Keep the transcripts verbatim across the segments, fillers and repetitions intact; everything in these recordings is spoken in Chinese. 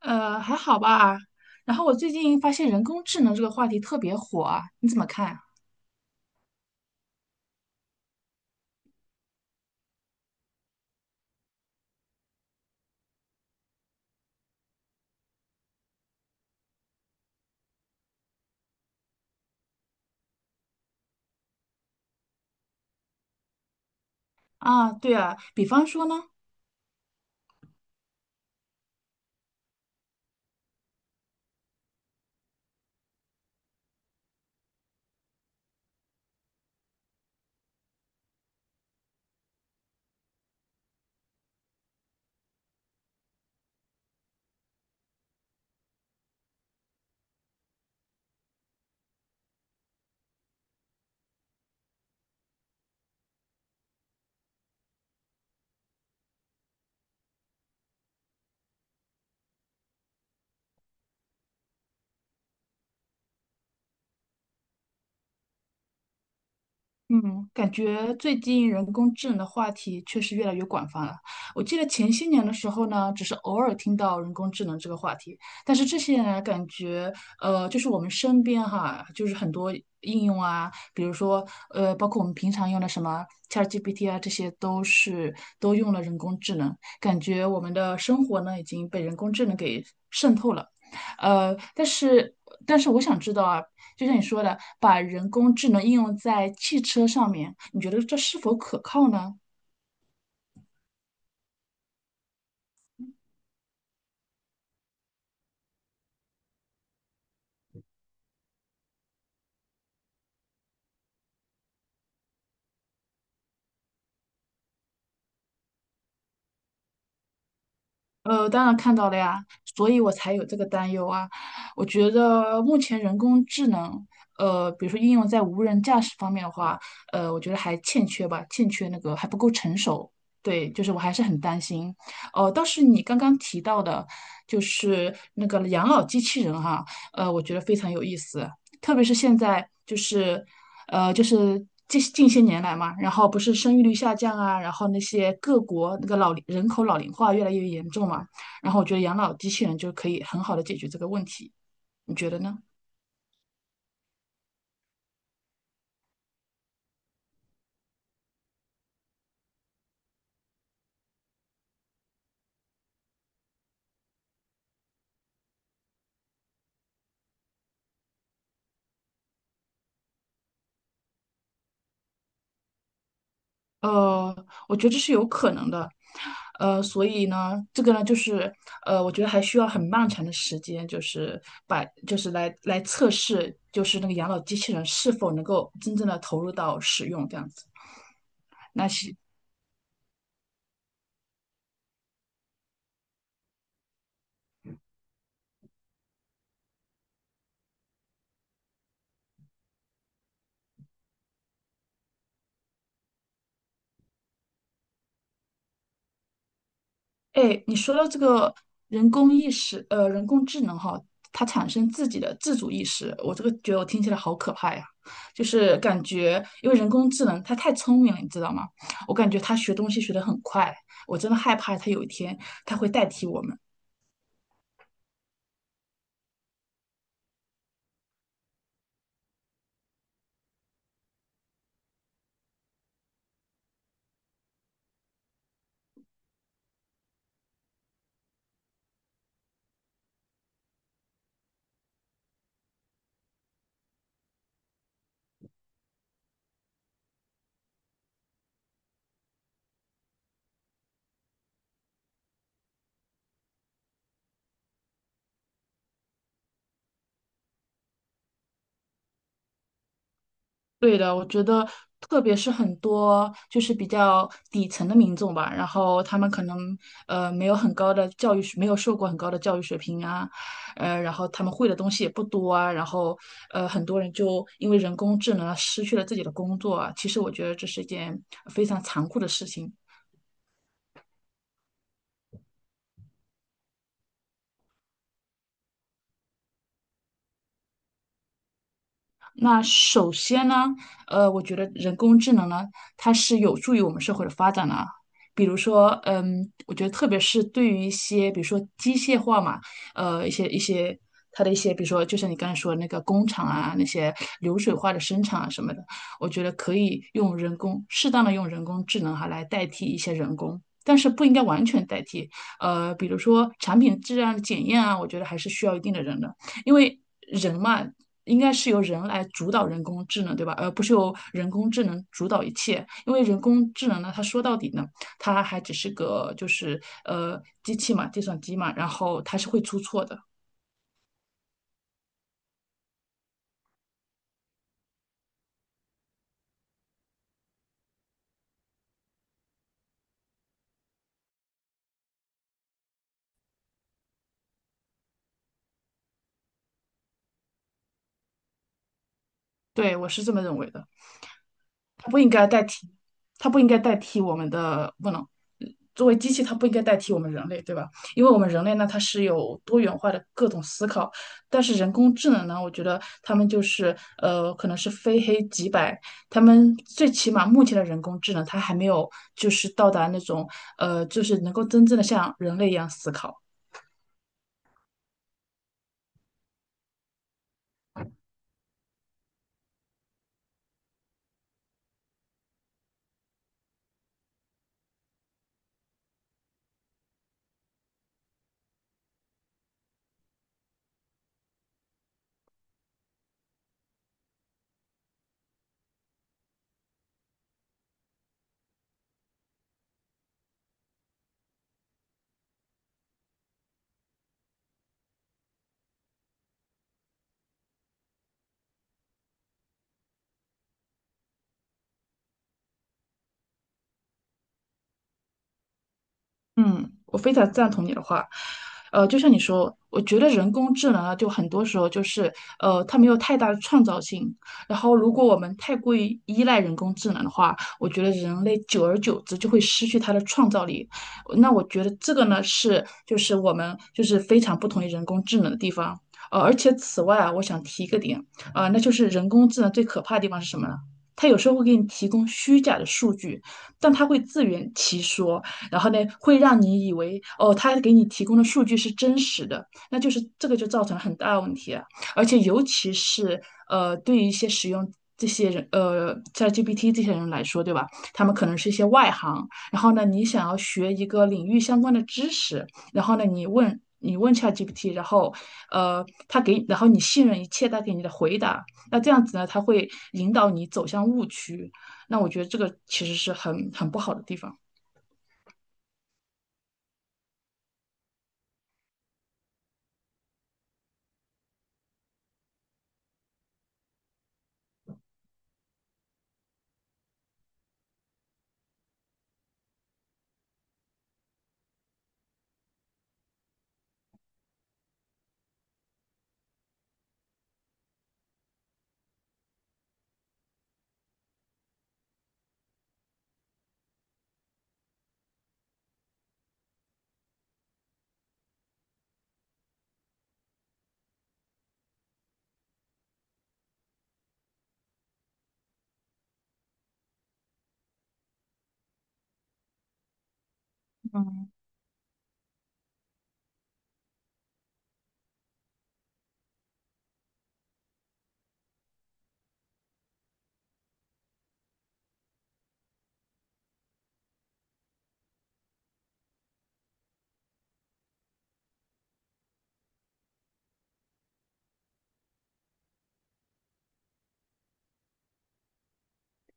呃，还好吧。然后我最近发现人工智能这个话题特别火啊，你怎么看啊？啊，对啊，比方说呢？嗯，感觉最近人工智能的话题确实越来越广泛了。我记得前些年的时候呢，只是偶尔听到人工智能这个话题，但是这些年来感觉，呃，就是我们身边哈，就是很多应用啊，比如说，呃，包括我们平常用的什么 ChatGPT 啊，这些都是都用了人工智能，感觉我们的生活呢已经被人工智能给渗透了。呃，但是但是我想知道啊，就像你说的，把人工智能应用在汽车上面，你觉得这是否可靠呢？呃，当然看到了呀，所以我才有这个担忧啊。我觉得目前人工智能，呃，比如说应用在无人驾驶方面的话，呃，我觉得还欠缺吧，欠缺那个还不够成熟。对，就是我还是很担心。哦，倒是你刚刚提到的，就是那个养老机器人哈，呃，我觉得非常有意思。特别是现在就是，呃，就是近近些年来嘛，然后不是生育率下降啊，然后那些各国那个老龄人口老龄化越来越严重嘛，然后我觉得养老机器人就可以很好的解决这个问题，你觉得呢？呃，我觉得这是有可能的，呃，所以呢，这个呢，就是呃，我觉得还需要很漫长的时间，就是把就是来来测试，就是那个养老机器人是否能够真正的投入到使用这样子。哎，你说到这个人工意识，呃，人工智能哈，它产生自己的自主意识，我这个觉得我听起来好可怕呀，就是感觉因为人工智能它太聪明了，你知道吗？我感觉它学东西学得很快，我真的害怕它有一天它会代替我们。对的，我觉得，特别是很多就是比较底层的民众吧，然后他们可能呃没有很高的教育水，没有受过很高的教育水平啊，呃，然后他们会的东西也不多啊，然后呃很多人就因为人工智能啊失去了自己的工作啊，其实我觉得这是一件非常残酷的事情。那首先呢，呃，我觉得人工智能呢，它是有助于我们社会的发展的啊。比如说，嗯，我觉得特别是对于一些，比如说机械化嘛，呃，一些一些它的一些，比如说就像你刚才说的那个工厂啊，那些流水化的生产啊什么的，我觉得可以用人工，适当的用人工智能哈来代替一些人工。但是不应该完全代替，呃，比如说产品质量的检验啊，我觉得还是需要一定的人的。因为人嘛，应该是由人来主导人工智能，对吧？而不是由人工智能主导一切。因为人工智能呢，它说到底呢，它还只是个就是呃机器嘛，计算机嘛，然后它是会出错的。对，我是这么认为的，它不应该代替，它不应该代替我们的不能。作为机器，它不应该代替我们人类，对吧？因为我们人类呢，它是有多元化的各种思考，但是人工智能呢，我觉得他们就是呃，可能是非黑即白，他们最起码目前的人工智能，它还没有就是到达那种呃，就是能够真正的像人类一样思考。嗯，我非常赞同你的话，呃，就像你说，我觉得人工智能啊，就很多时候就是，呃，它没有太大的创造性。然后，如果我们太过于依赖人工智能的话，我觉得人类久而久之就会失去它的创造力。那我觉得这个呢，是就是我们就是非常不同于人工智能的地方。呃，而且此外啊，我想提一个点，啊、那就是人工智能最可怕的地方是什么呢？它有时候会给你提供虚假的数据，但它会自圆其说。然后呢，会让你以为哦，他给你提供的数据是真实的，那就是这个就造成很大的问题了。而且尤其是呃，对于一些使用这些人呃 ChatGPT 这些人来说，对吧？他们可能是一些外行，然后呢，你想要学一个领域相关的知识，然后呢，你问。你问 ChatGPT，然后，呃，他给，然后你信任一切他给你的回答，那这样子呢，他会引导你走向误区，那我觉得这个其实是很很不好的地方。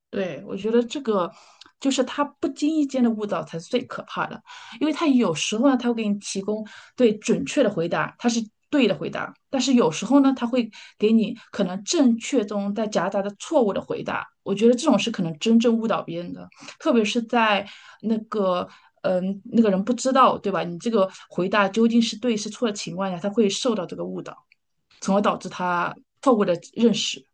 对，我觉得这个就是他不经意间的误导才是最可怕的，因为他有时候呢，他会给你提供对准确的回答，他是对的回答，但是有时候呢，他会给你可能正确中带夹杂着错误的回答。我觉得这种是可能真正误导别人的，特别是在那个嗯那个人不知道对吧，你这个回答究竟是对是错的情况下，他会受到这个误导，从而导致他错误的认识。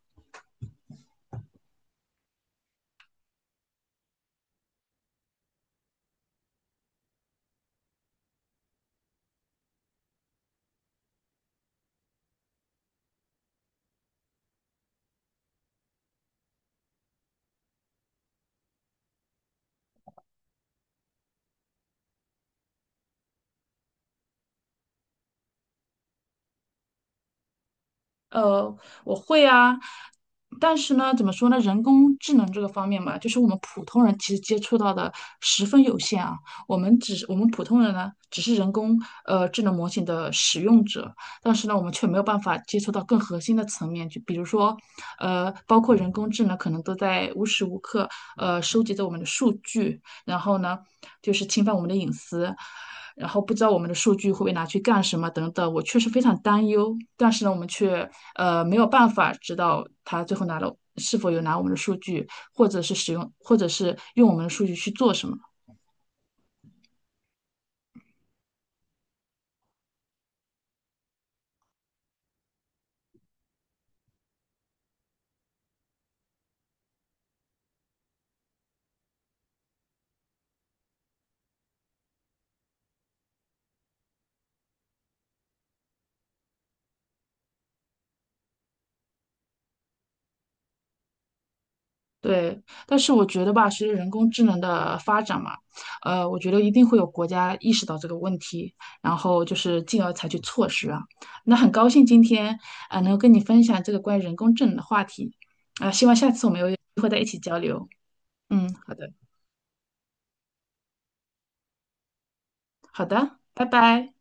呃，我会啊，但是呢，怎么说呢？人工智能这个方面嘛，就是我们普通人其实接触到的十分有限啊。我们只是我们普通人呢，只是人工呃智能模型的使用者，但是呢，我们却没有办法接触到更核心的层面，就比如说，呃，包括人工智能可能都在无时无刻呃收集着我们的数据，然后呢，就是侵犯我们的隐私，然后不知道我们的数据会被拿去干什么等等，我确实非常担忧。但是呢，我们却呃没有办法知道他最后拿了是否有拿我们的数据，或者是使用，或者是用我们的数据去做什么。对，但是我觉得吧，随着人工智能的发展嘛，呃，我觉得一定会有国家意识到这个问题，然后就是进而采取措施啊。那很高兴今天啊，呃能够跟你分享这个关于人工智能的话题啊，希望下次我们有机会再一起交流。嗯，好的，好的，拜拜。